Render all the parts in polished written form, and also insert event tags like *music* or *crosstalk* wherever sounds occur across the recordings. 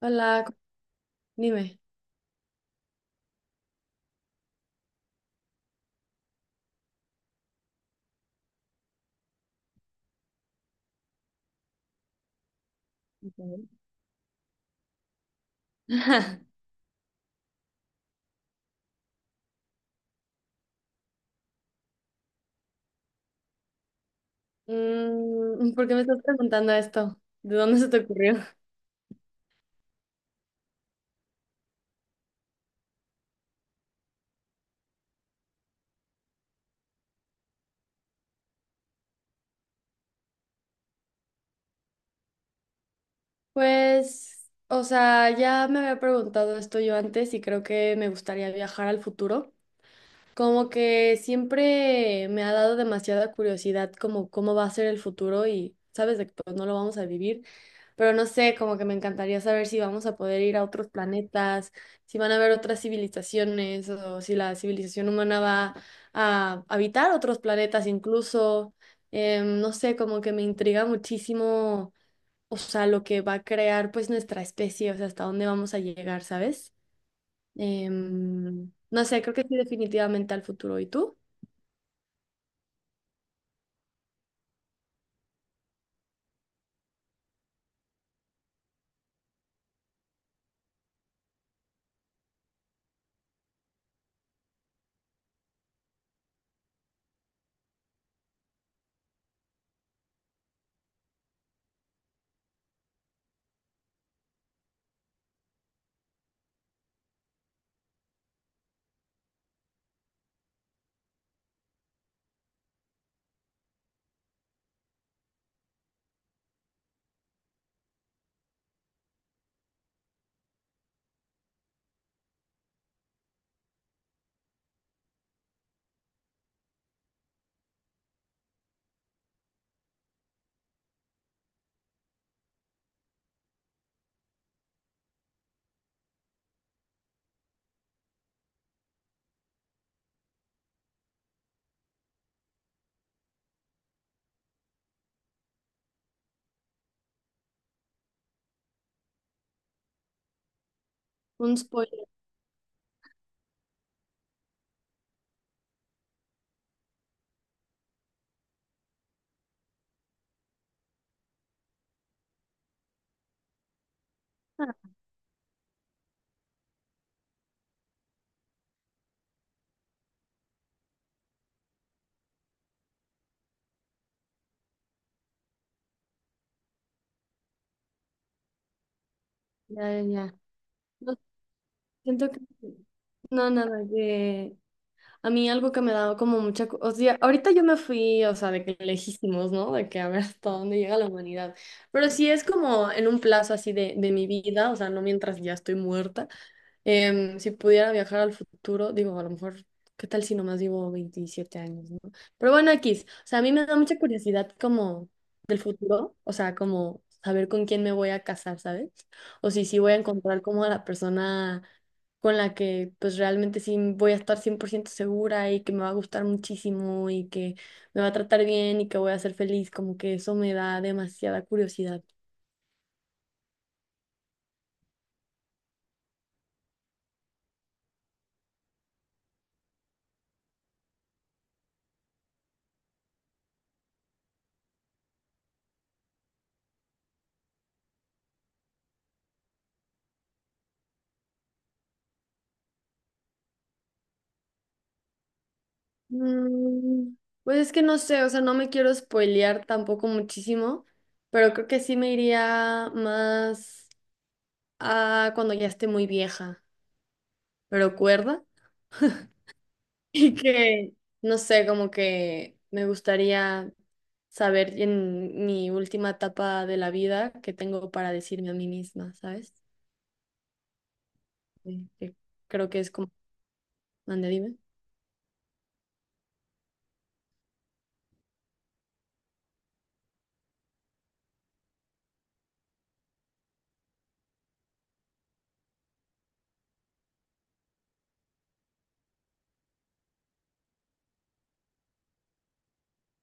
Hola, dime. Mm, ¿por qué me estás preguntando esto? ¿De dónde se te ocurrió? *laughs* Pues, o sea, ya me había preguntado esto yo antes y creo que me gustaría viajar al futuro. Como que siempre me ha dado demasiada curiosidad como cómo va a ser el futuro y sabes de que pues no lo vamos a vivir, pero no sé, como que me encantaría saber si vamos a poder ir a otros planetas, si van a haber otras civilizaciones o si la civilización humana va a habitar otros planetas incluso. No sé, como que me intriga muchísimo, o sea, lo que va a crear pues nuestra especie, o sea, hasta dónde vamos a llegar, ¿sabes? No sé, creo que sí, definitivamente al futuro. ¿Y tú? Un spoiler. Ah, ya, ya, ya. No, siento que sí. No, nada, que a mí algo que me ha dado como mucha o sea, ahorita yo me fui, o sea, de que lejísimos, ¿no? De que a ver *laughs* hasta dónde llega la humanidad. Pero sí es como en un plazo así de mi vida, o sea, no mientras ya estoy muerta. Si pudiera viajar al futuro, digo, a lo mejor, ¿qué tal si nomás vivo 27 años, ¿no? Pero bueno, X, o sea, a mí me da mucha curiosidad como del futuro, o sea, como saber con quién me voy a casar, ¿sabes? O si sí voy a encontrar como a la persona con la que pues realmente sí voy a estar 100% segura y que me va a gustar muchísimo y que me va a tratar bien y que voy a ser feliz, como que eso me da demasiada curiosidad. Mm, pues es que no sé, o sea, no me quiero spoilear tampoco muchísimo, pero creo que sí me iría más a cuando ya esté muy vieja, pero cuerda. *laughs* Y que no sé, como que me gustaría saber en mi última etapa de la vida qué tengo para decirme a mí misma, ¿sabes? Sí, que creo que es como... Ande, dime.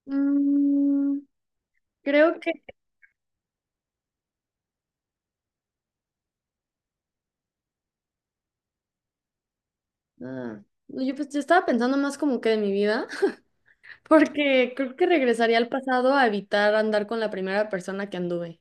Mm, Creo que... ah, no, yo, pues, yo estaba pensando más como que de mi vida. Porque creo que regresaría al pasado a evitar andar con la primera persona que anduve.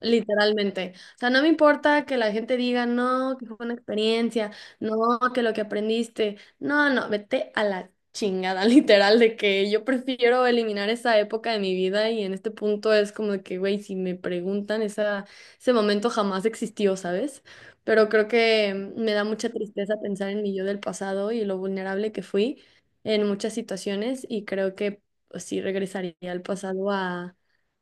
Literalmente. O sea, no me importa que la gente diga, no, que fue una experiencia, no, que lo que aprendiste. No, no, vete a la chingada, *laughs* literal, de que yo prefiero eliminar esa época de mi vida y en este punto es como de que, güey, si me preguntan, esa, ese momento jamás existió, ¿sabes? Pero creo que me da mucha tristeza pensar en mi yo del pasado y lo vulnerable que fui en muchas situaciones y creo que pues, sí regresaría al pasado a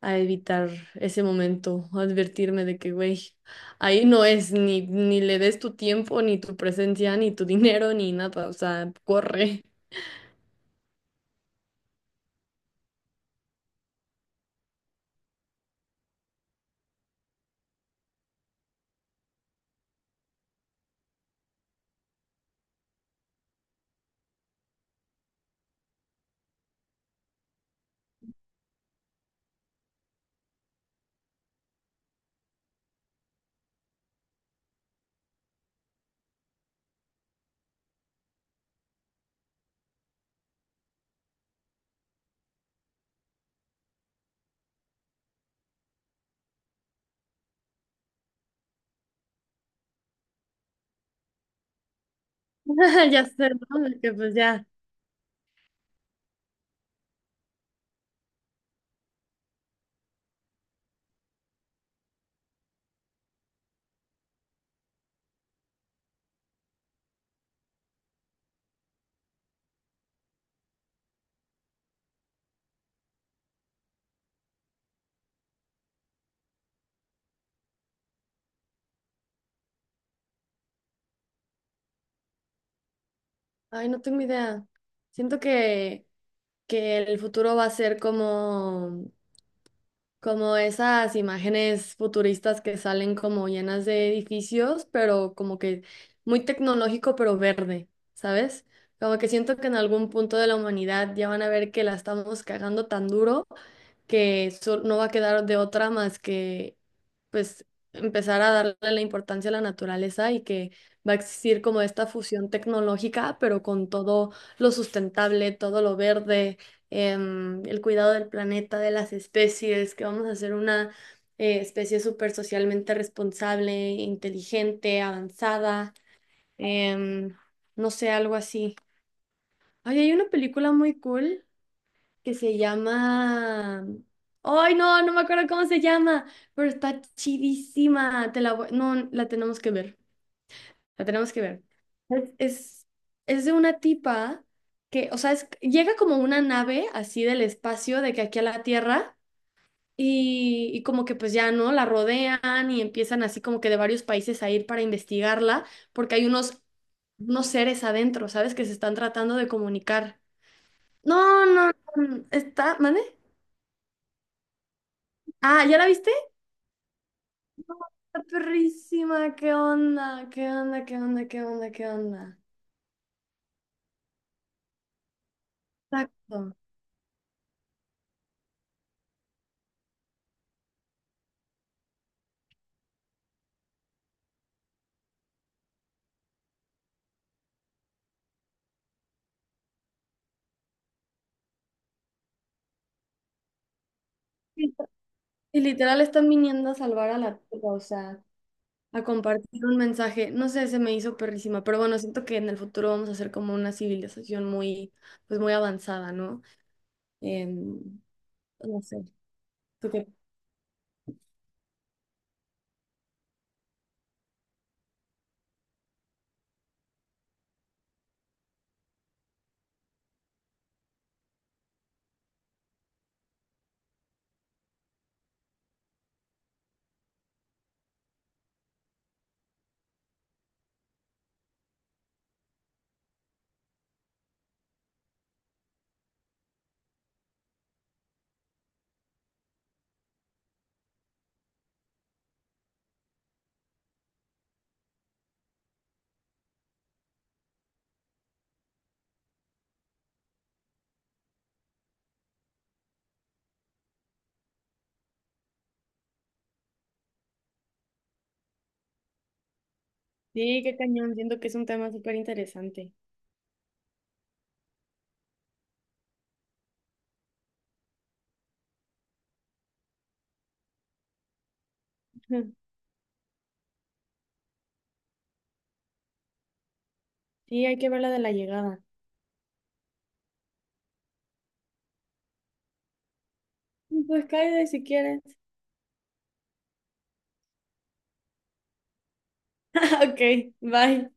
evitar ese momento, a advertirme de que, güey, ahí no es ni le des tu tiempo, ni tu presencia, ni tu dinero, ni nada, o sea, corre. *laughs* Ya sé, ¿no? De que pues ya, ay, no tengo idea. Siento que el futuro va a ser como como esas imágenes futuristas que salen como llenas de edificios, pero como que muy tecnológico, pero verde, ¿sabes? Como que siento que en algún punto de la humanidad ya van a ver que la estamos cagando tan duro que no va a quedar de otra más que pues empezar a darle la importancia a la naturaleza y que va a existir como esta fusión tecnológica, pero con todo lo sustentable, todo lo verde, el cuidado del planeta, de las especies, que vamos a hacer una especie súper socialmente responsable, inteligente, avanzada. em, no sé, algo así. Ay, hay una película muy cool que se llama... Ay, no, no me acuerdo cómo se llama, pero está chidísima. Te la voy- No, la tenemos que ver. La tenemos que ver. Es, es, es de una tipa que, o sea, es- llega como una nave así del espacio, de que aquí a la Tierra, y como que pues ya, ¿no? La rodean y empiezan así como que de varios países a ir para investigarla, porque hay unos seres adentro, ¿sabes? Que se están tratando de comunicar. No, no, no, está, ¿mande? Ah, ¿ya la viste? Está perrísima, ¿qué onda? ¿Qué onda? ¿Qué onda? ¿Qué onda? ¿Qué onda? Exacto. Y y literal están viniendo a salvar a la Tierra, o sea, a compartir un mensaje. No sé, se me hizo perrísima, pero bueno, siento que en el futuro vamos a ser como una civilización muy, pues muy avanzada, ¿no? Em, no sé. ¿Tú qué? Sí, qué cañón, siento que es un tema súper interesante. *laughs* Sí, hay que ver la de la llegada. Pues cállate si quieres. *laughs* Ok, bye.